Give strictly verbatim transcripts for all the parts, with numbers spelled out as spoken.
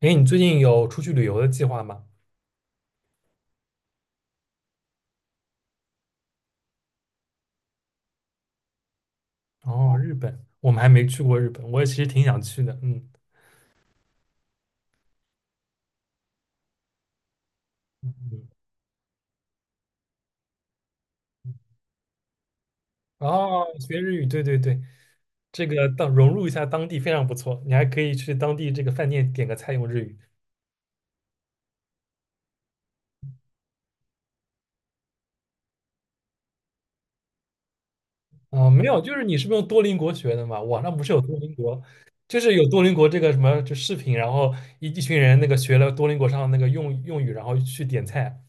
哎，你最近有出去旅游的计划吗？哦，日本，我们还没去过日本，我也其实挺想去的。嗯嗯嗯，哦，学日语，对对对，这个当融入一下当地非常不错。你还可以去当地这个饭店点个菜用日语。啊、没有，就是你是不是用多邻国学的嘛？网上不是有多邻国，就是有多邻国这个什么就视频，然后一一群人那个学了多邻国上的那个用用语，然后去点菜。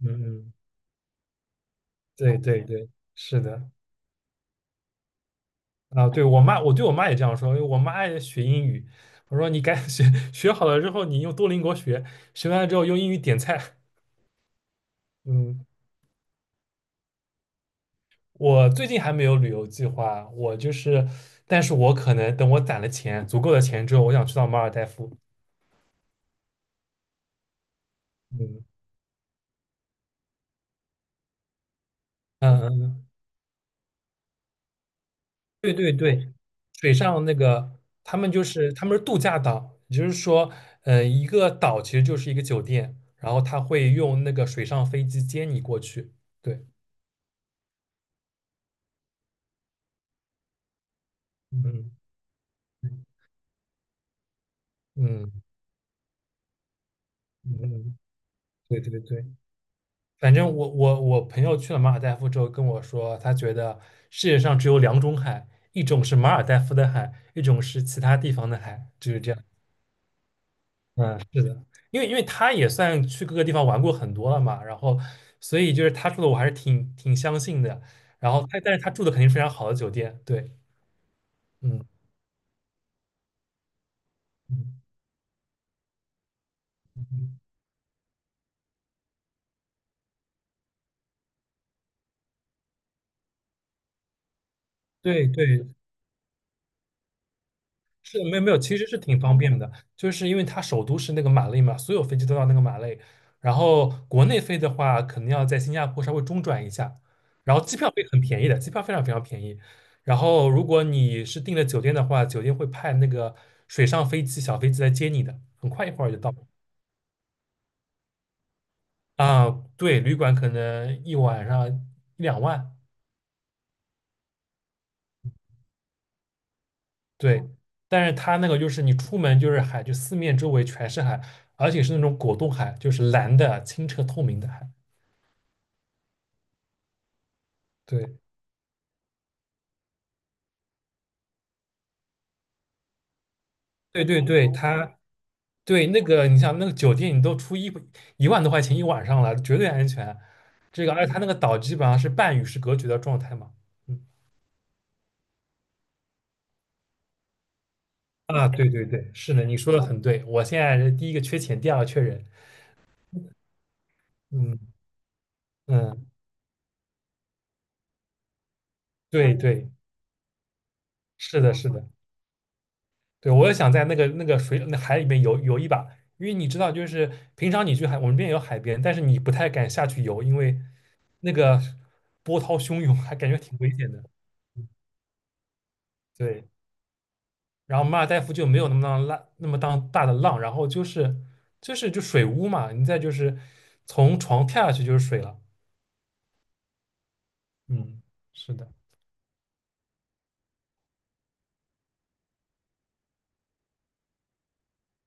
嗯嗯，对对对，是的。啊，对，我妈，我对我妈也这样说，因为我妈爱学英语，我说你赶紧学，学好了之后你用多邻国学，学完了之后用英语点菜。嗯，我最近还没有旅游计划，我就是，但是我可能等我攒了钱，足够的钱之后，我想去到马尔代夫。嗯嗯嗯，对对对，水上那个他们就是他们是度假岛，也就是说，呃，一个岛其实就是一个酒店，然后他会用那个水上飞机接你过去。对，嗯嗯。嗯嗯，对对对，反正我我我朋友去了马尔代夫之后跟我说，他觉得世界上只有两种海，一种是马尔代夫的海，一种是其他地方的海，就是这样。嗯，是的，因为因为他也算去各个地方玩过很多了嘛，然后所以就是他住的我还是挺挺相信的。然后他但是他住的肯定是非常好的酒店，对，嗯嗯，嗯对对是没有没有，其实是挺方便的，就是因为它首都是那个马累嘛，所有飞机都到那个马累。然后国内飞的话，可能要在新加坡稍微中转一下，然后机票会很便宜的，机票非常非常便宜。然后如果你是订了酒店的话，酒店会派那个水上飞机、小飞机来接你的，很快一会儿就到。啊，对，旅馆可能一晚上一两万，对，但是它那个就是你出门就是海，就四面周围全是海，而且是那种果冻海，就是蓝的、清澈透明的海。对，对对对，它对那个你想那个酒店，你都出一一万多块钱一晚上了，绝对安全。这个，而且它那个岛基本上是半与世隔绝的状态嘛。嗯啊，对对对，是的，你说的很对。我现在是第一个缺钱，第二个缺人。嗯嗯，对对，是的，是的。对，我也想在那个那个水那海里面游游一把，因为你知道，就是平常你去海，我们这边有海边，但是你不太敢下去游，因为那个波涛汹涌，还感觉挺危险的。嗯对，然后马尔代夫就没有那么当浪那么当大的浪，然后就是就是就水屋嘛，你再就是从床跳下去就是水了。嗯，是的，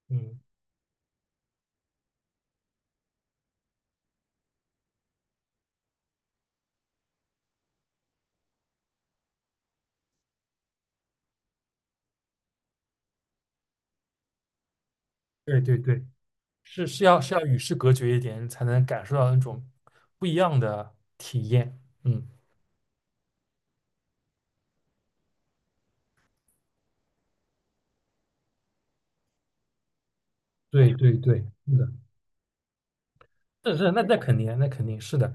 嗯，对对对，是是要是要与世隔绝一点，才能感受到那种不一样的体验。嗯，对对对，是的。是是，那那肯定，那肯定是的，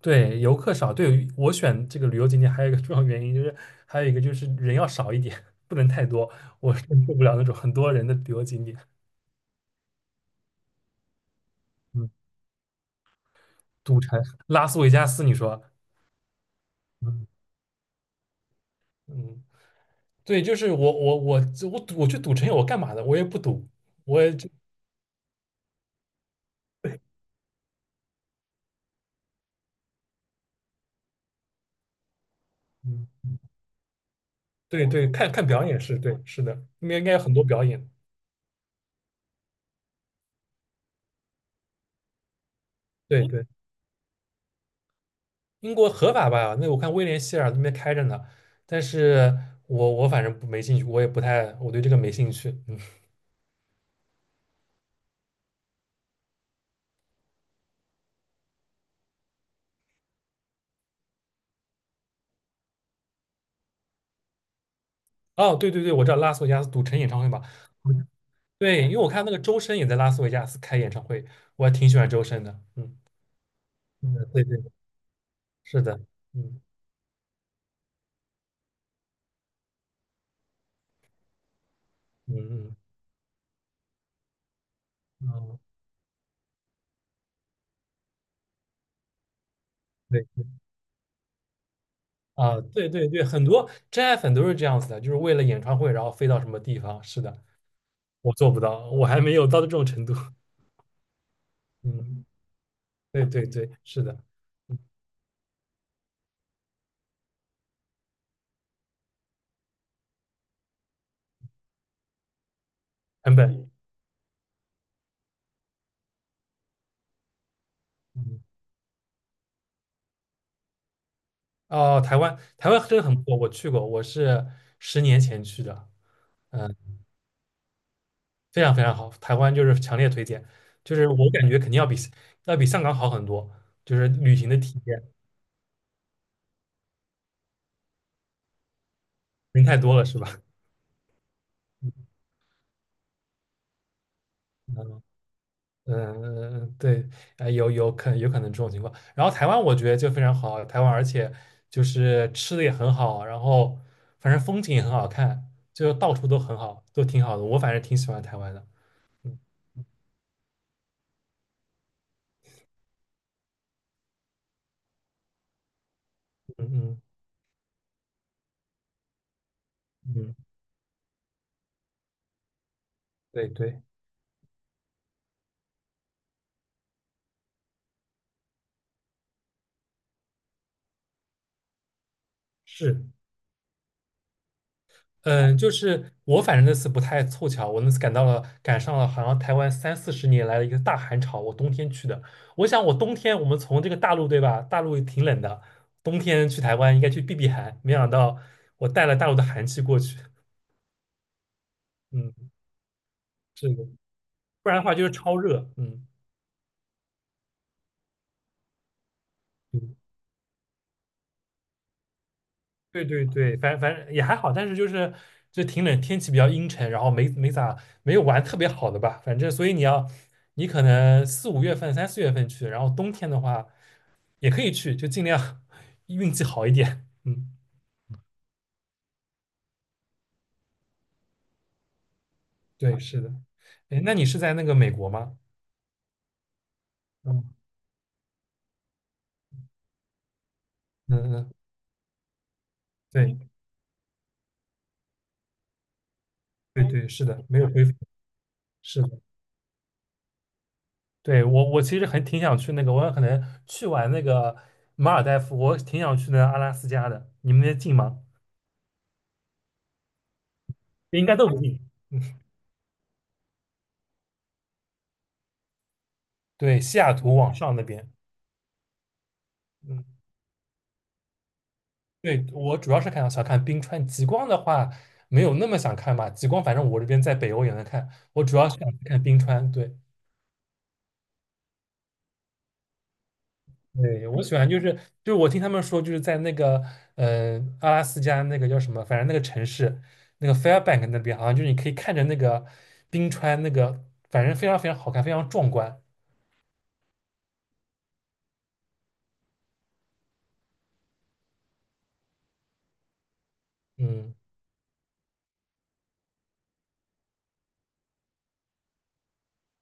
对，游客少，对我选这个旅游景点还有一个重要原因就是，还有一个就是人要少一点，不能太多，我是受不了那种很多人的旅游景点。嗯，赌城、拉斯维加斯，你说，嗯嗯，对，就是我我我我赌我去赌城我干嘛的？我也不赌，我也就嗯，对对，看看表演是对，是的，那边应该有很多表演，对对。英国合法吧？那我看威廉希尔那边开着呢，但是我我反正不没兴趣，我也不太，我对这个没兴趣。嗯，哦，对对对，我知道拉斯维加斯赌城演唱会嘛，嗯对，因为我看那个周深也在拉斯维加斯开演唱会，我还挺喜欢周深的。嗯嗯，对对，是的，嗯嗯嗯嗯，对啊，对对对，很多真爱粉都是这样子的，就是为了演唱会然后飞到什么地方。是的，我做不到，我还没有到这种程度。嗯，对对对，是的，嗯成本。嗯，哦，台湾，台湾真的很不错，我去过，我是十年前去的，嗯，非常非常好，台湾就是强烈推荐，就是我感觉肯定要比要比香港好很多，就是旅行的体验，人太多了是吧？嗯嗯，嗯对，啊有有可有可能这种情况。然后台湾我觉得就非常好，台湾而且就是吃的也很好，然后反正风景也很好看，就到处都很好，都挺好的。我反正挺喜欢台湾的。嗯嗯嗯嗯，对对。是，嗯，就是我反正那次不太凑巧，我那次赶到了，赶上了好像台湾三四十年来的一个大寒潮，我冬天去的。我想我冬天我们从这个大陆对吧，大陆也挺冷的，冬天去台湾应该去避避寒，没想到我带了大陆的寒气过去，嗯，是的，不然的话就是超热，嗯。对对对，反正反正也还好，但是就是就挺冷，天气比较阴沉，然后没没咋没有玩特别好的吧，反正所以你要你可能四五月份、三四月份去，然后冬天的话也可以去，就尽量 运气好一点。嗯，对，是的。哎，那你是在那个美国吗？嗯嗯嗯，对对对，是的，没有恢复，是的。对我我其实很挺想去那个，我可能去完那个马尔代夫，我挺想去那个阿拉斯加的，你们那近吗？应该都不近。嗯对，西雅图往上那边，嗯，对，我主要是看想看冰川，极光的话没有那么想看吧，极光反正我这边在北欧也能看，我主要是想看冰川，对，对，我喜欢就是就是我听他们说就是在那个呃阿拉斯加那个叫什么，反正那个城市那个 Fairbank 那边好像就是你可以看着那个冰川那个，反正非常非常好看，非常壮观，嗯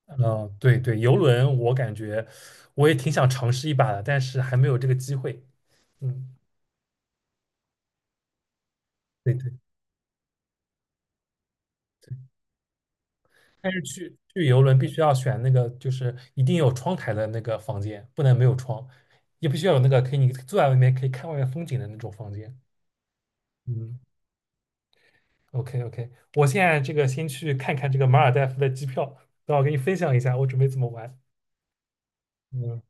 嗯，呃对对，游轮我感觉我也挺想尝试一把的，但是还没有这个机会，嗯。对对。但是去去游轮必须要选那个，就是一定有窗台的那个房间，不能没有窗，也必须要有那个可以你坐在外面可以看外面风景的那种房间。嗯，OK OK，我现在这个先去看看这个马尔代夫的机票，等会儿给你分享一下我准备怎么玩。嗯，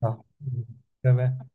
好，嗯，拜拜。